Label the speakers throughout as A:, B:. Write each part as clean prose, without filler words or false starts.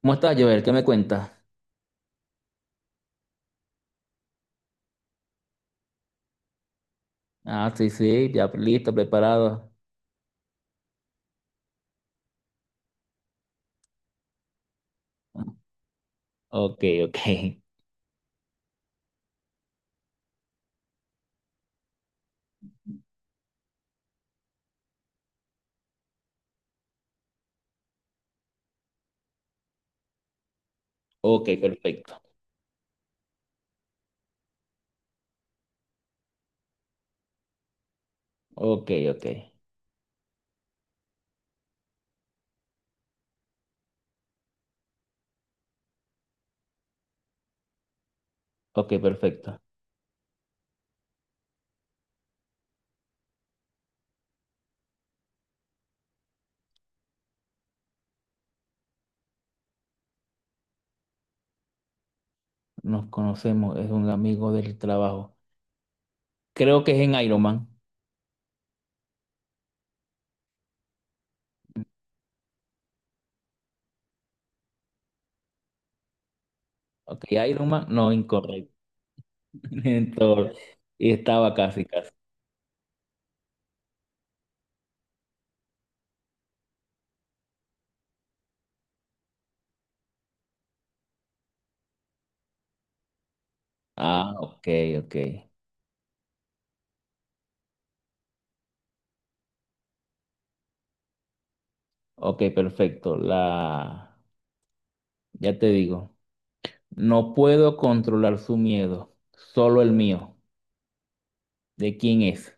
A: ¿Cómo estás, Joel? ¿Qué me cuentas? Ah, sí, sí, ya listo, preparado. Ok, ok. Ok, perfecto. Ok, ok. Ok, perfecto. Nos conocemos, es un amigo del trabajo. Creo que es en Iron Man. Ok, Iron Man, no, incorrecto. En Thor. Y estaba casi, casi. Ah, ok, ok. Ok, perfecto. Ya te digo. No puedo controlar su miedo, solo el mío. ¿De quién es?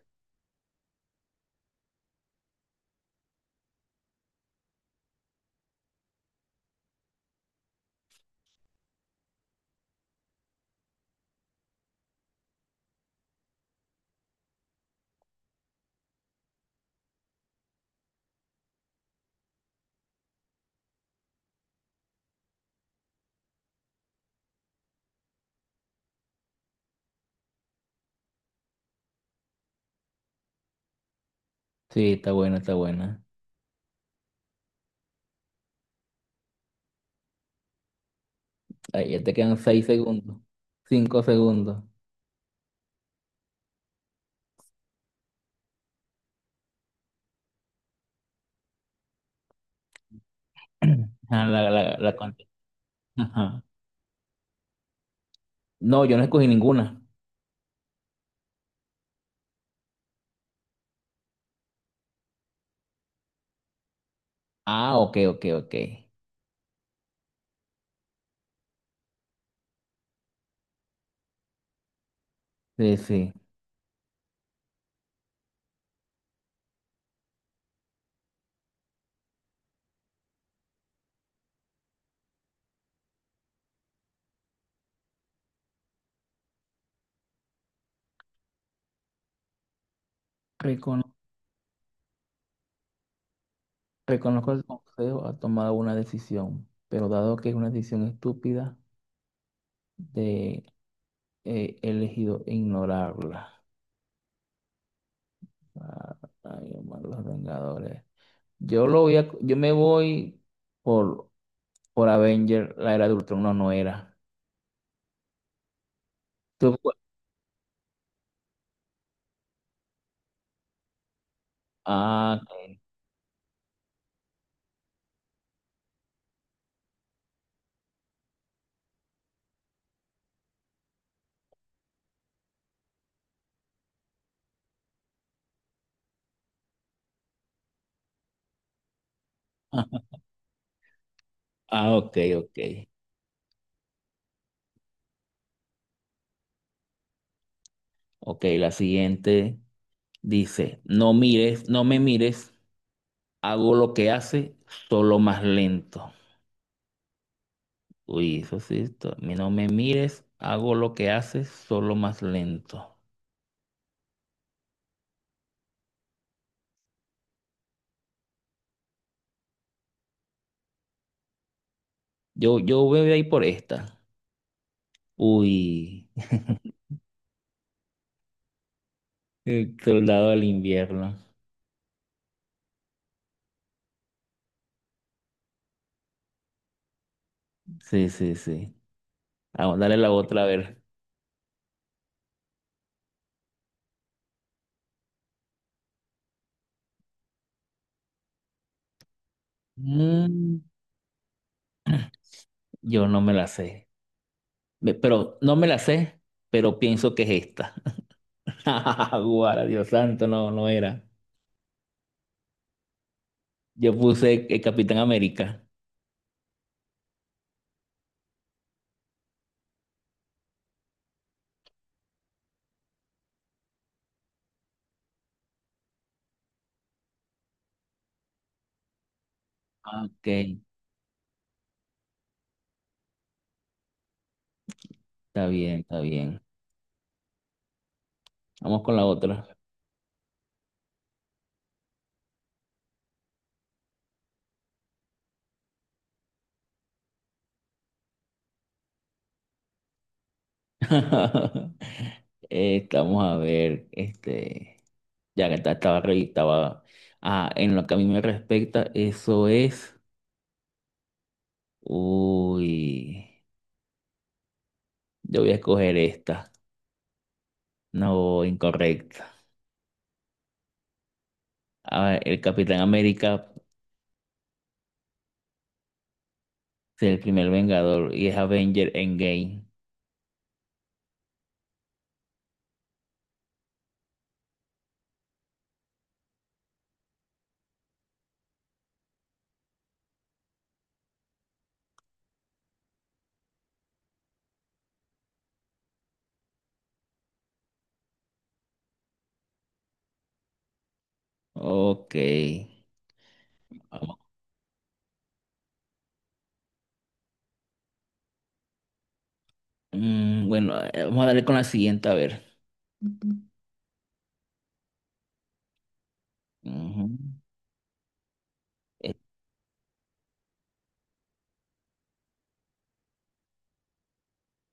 A: Sí, está buena, está buena. Ahí ya te quedan 6 segundos, 5 segundos. Ah, la conté. Ajá. No, yo no escogí ninguna. Ah, ok, ok, ok. Sí, sí. Recono- Reconozco el consejo, ha tomado una decisión, pero dado que es una decisión estúpida, de, he elegido ignorarla. Ah, ay, hermano, los Vengadores. Yo me voy por, por Avenger, la era de Ultron, no, no era. Tú- ah, ok, ok. Ok, la siguiente dice, no me mires, hago lo que hace, solo más lento. Uy, eso sí, mi no me mires, hago lo que hace, solo más lento. Yo voy a ir por esta. Uy, el soldado del invierno. Sí, sí, sí. Vamos, dale la otra a ver. Mm, yo no me la sé. Pero no me la sé, pero pienso que es esta. Guara, Dios santo, no, no era. Yo puse el Capitán América. Ah, ok, está bien, está bien. Vamos con la otra. Vamos a ver, este, ya que en lo que a mí me respecta, eso es, uy, yo voy a escoger esta, no, incorrecta. A ver, el Capitán América es el primer Vengador y es Avenger Endgame. Ok, vamos. Bueno, vamos a darle con la siguiente, a ver. Ujú. Eh,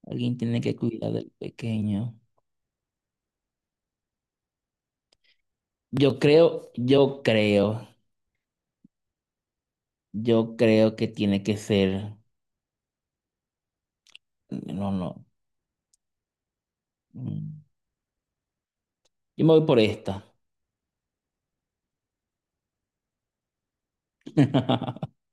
A: Alguien tiene que cuidar del pequeño. Yo creo, yo creo, yo creo que tiene que ser. No, no. Mm. Yo me voy por esta.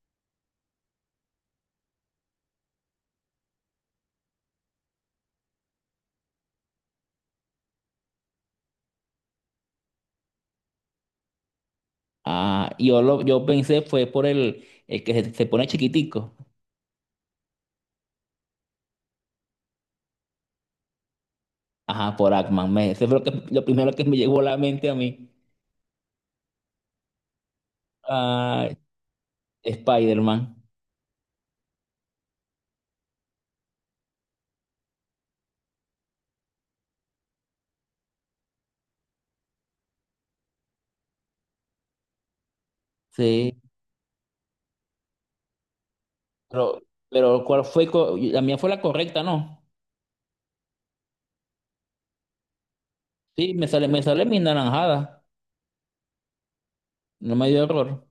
A: Yo pensé fue por el que se pone chiquitico. Ajá, por Ackman. Eso fue lo primero que me llegó a la mente a mí. Ah, Spider-Man. Sí. Pero, pero ¿cuál fue? La mía fue la correcta, ¿no? Sí, me sale mi naranjada. No me dio error.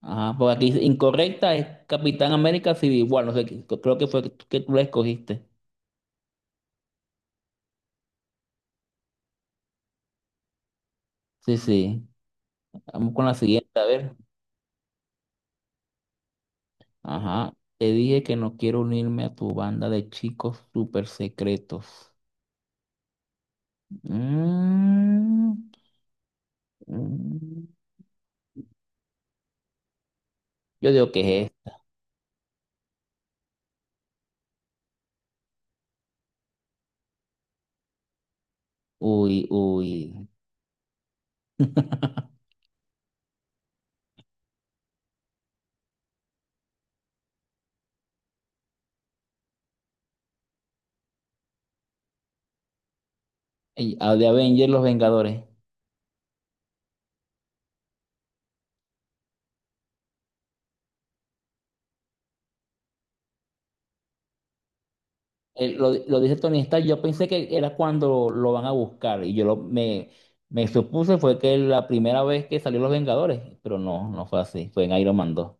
A: Ajá, por aquí incorrecta es Capitán América Civil War, no sé, creo que fue que tú la escogiste. Sí, sí. Vamos con la siguiente, a ver. Ajá. Te dije que no quiero unirme a tu banda de chicos súper secretos. Mm, mm. Yo digo que es, ¿esto? Uy, uy. De Avengers, Los Vengadores. Él lo dice Tony Stark, yo pensé que era cuando lo van a buscar y me supuse fue que la primera vez que salió Los Vengadores, pero no, no fue así, fue en Iron Man 2.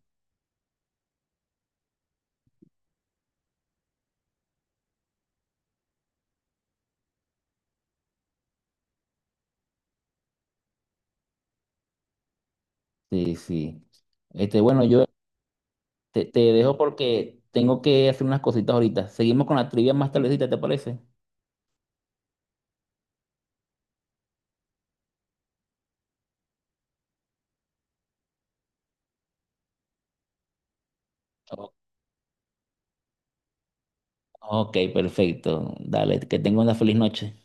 A: Sí, sí. Este, bueno, yo te dejo porque tengo que hacer unas cositas ahorita. Seguimos con la trivia más tardecita, ¿te parece? O- Ok, perfecto. Dale, que tenga una feliz noche.